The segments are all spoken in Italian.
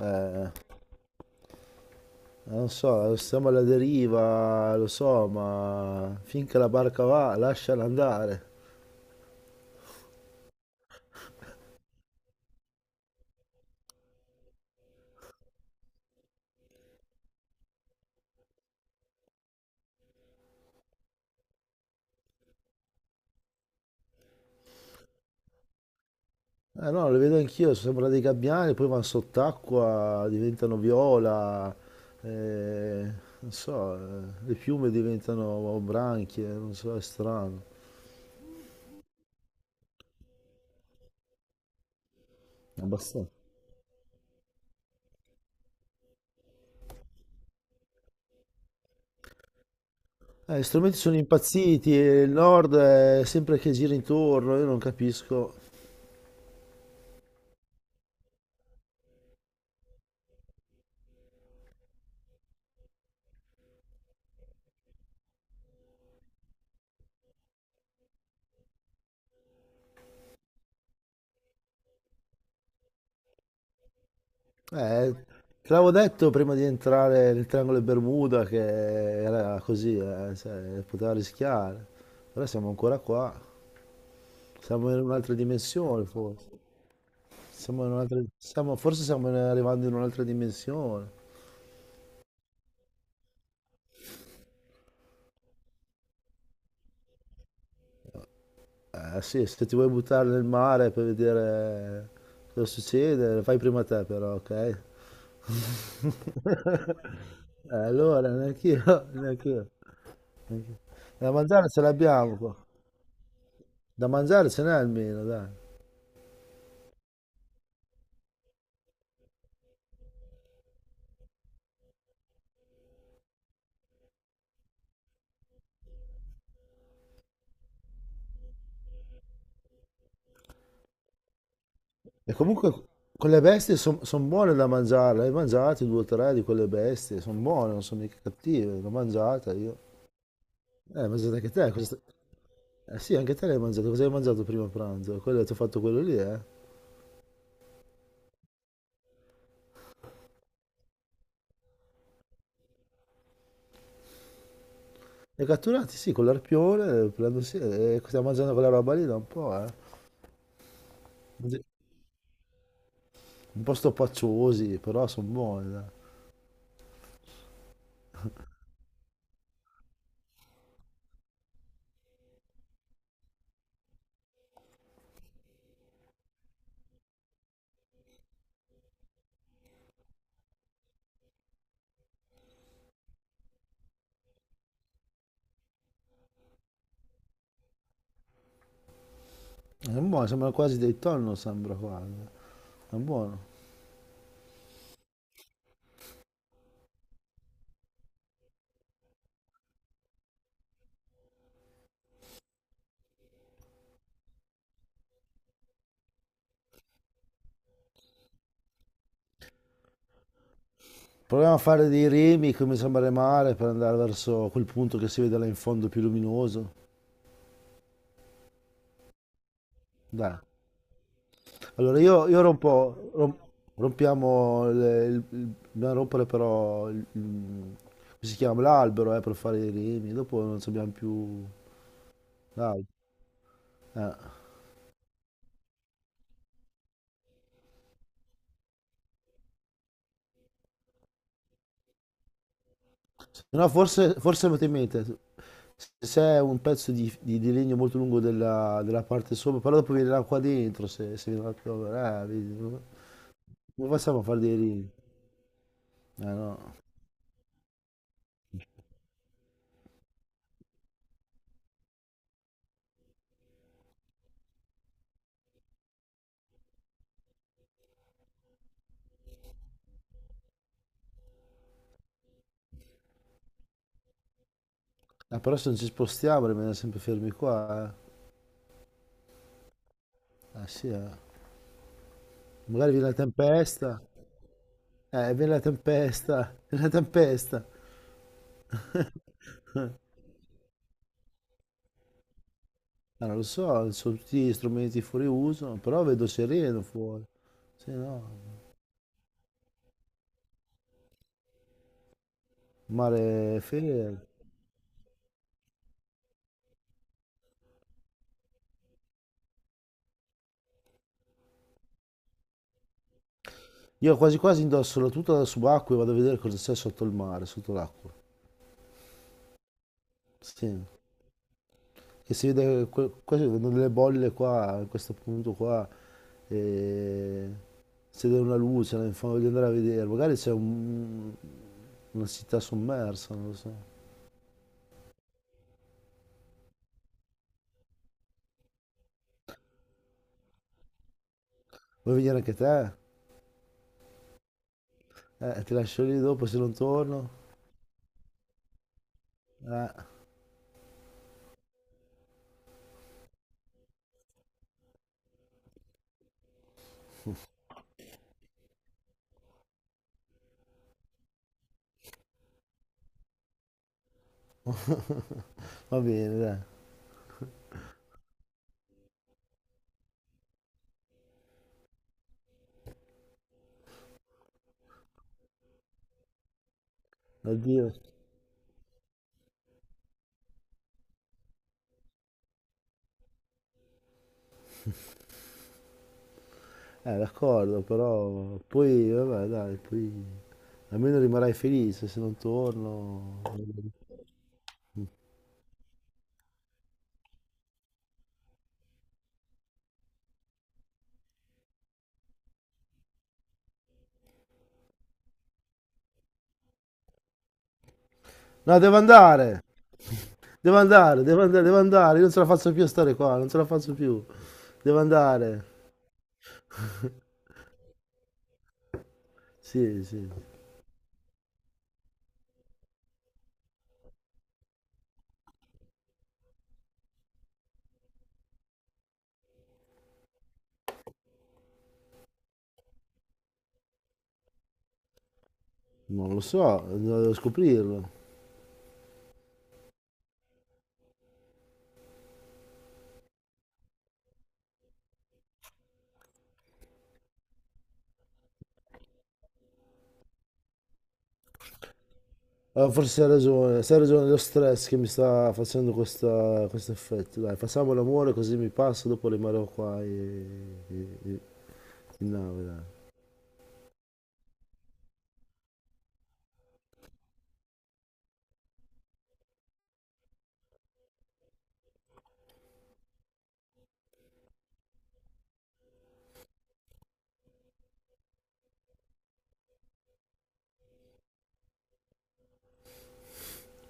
Eh, non so, siamo alla deriva, lo so, ma finché la barca va, lasciala andare. Eh no, lo vedo anch'io, sembrano dei gabbiani, poi vanno sott'acqua, diventano viola, eh, non so, le piume diventano branchie, non so, è strano. Abbastanza. Gli strumenti sono impazziti e il nord è sempre che gira intorno, io non capisco. Eh, te l'avevo detto prima di entrare nel triangolo di Bermuda che era così, cioè, poteva rischiare. Però siamo ancora qua, siamo in un'altra dimensione forse. Siamo in un'altra- siamo- Forse stiamo arrivando in un'altra dimensione. Eh sì, se ti vuoi buttare nel mare per vedere cosa succede, fai prima te però, ok? Allora, neanch'io, neanch'io. Da mangiare ce l'abbiamo qua. Da mangiare ce n'è almeno, dai. E comunque quelle bestie sono buone da mangiare, le hai mangiate due o tre di quelle bestie, sono buone, non sono mica cattive, l'ho mangiata io. Hai mangiato anche te, eh sì, anche te l'hai mangiato, cosa hai mangiato prima pranzo? Quello, ti ho fatto quello lì, eh? Li hai catturati, sì, con l'arpione, prendo, sì, e stiamo mangiando quella roba lì da un po', eh? Mangi- Un po' stoppaccioosi, però sono buoni, dai. Sono buoni, sembrano quasi dei tonno, sembra quasi. È buono. Proviamo a fare dei remi come sembra mare per andare verso quel punto che si vede là in fondo più luminoso. Dai. Allora io rompiamo, dobbiamo rompere però, come si chiama, l'albero per fare i remi, dopo non ci abbiamo più l'albero. Eh. Se No, forse, forse avete in mente, se c'è un pezzo di, di legno molto lungo della, della parte sopra, però dopo viene l'acqua dentro, se viene l'acqua, vedi, come facciamo a fare dei remi? Eh no. Ah, però se non ci spostiamo rimaniamo sempre fermi qua, eh. Ah sì, eh. Magari viene la tempesta. Viene la tempesta, viene la tempesta. Ah, non lo so, sono tutti strumenti fuori uso, però vedo sereno fuori. Se no, il mare è fermo. Io quasi quasi indosso la tuta da subacqueo e vado a vedere cosa c'è sotto il mare, sotto l'acqua. Sì, che si vede, quasi vedo delle bolle qua, in questo punto qua. E... se c'è una luce, voglio andare a vedere, magari c'è un, una città sommersa, non lo so. Vuoi venire anche te? Ti lascio lì dopo se non torno? Eh, va bene, dai, addio. D'accordo, però poi, vabbè, dai, poi almeno rimarrai felice se non torno. No, devo andare! Devo andare, devo andare, devo andare, io non ce la faccio più a stare qua, non ce la faccio più. Devo andare. Sì, sì. Non lo so, devo scoprirlo. Ah, forse hai ragione, se hai ragione, è lo stress che mi sta facendo questo effetto. Dai, facciamo l'amore così mi passa, dopo rimarrò qua in nave, dai.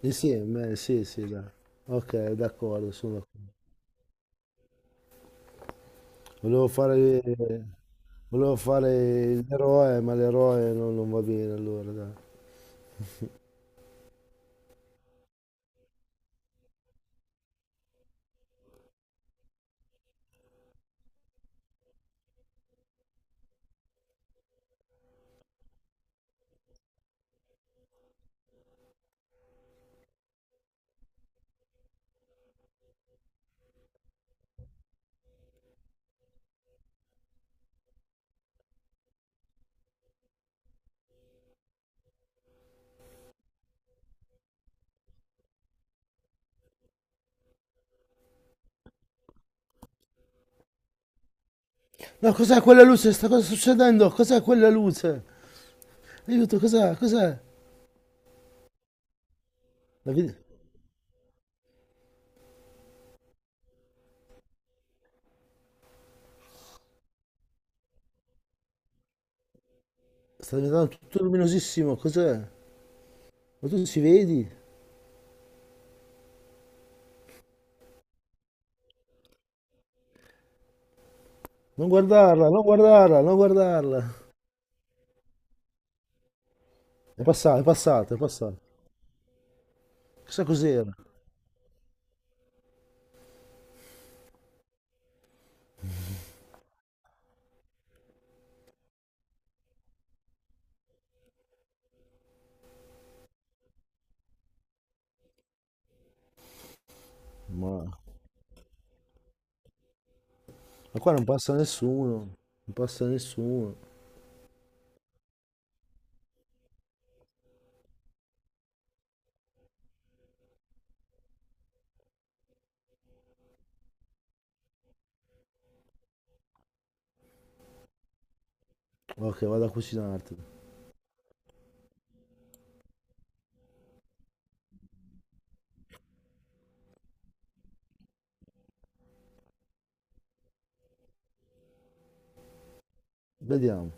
Insieme, sì, sì, dai. Ok, d'accordo, sono d'accordo. Volevo fare, volevo fare l'eroe, ma l'eroe non va bene allora, dai. No, cos'è quella luce? Sta cosa succedendo? Cos'è quella luce? Aiuto, cos'è? Cos'è? La vedi- Sta diventando tutto luminosissimo, cos'è? Ma tu ci vedi? Non guardarla, non guardarla, non guardarla. È passata, è passata, è passata. Chissà cos'era. Ma... ma qua non passa nessuno. Non passa nessuno. Ok, vado a cucinarti. Vediamo.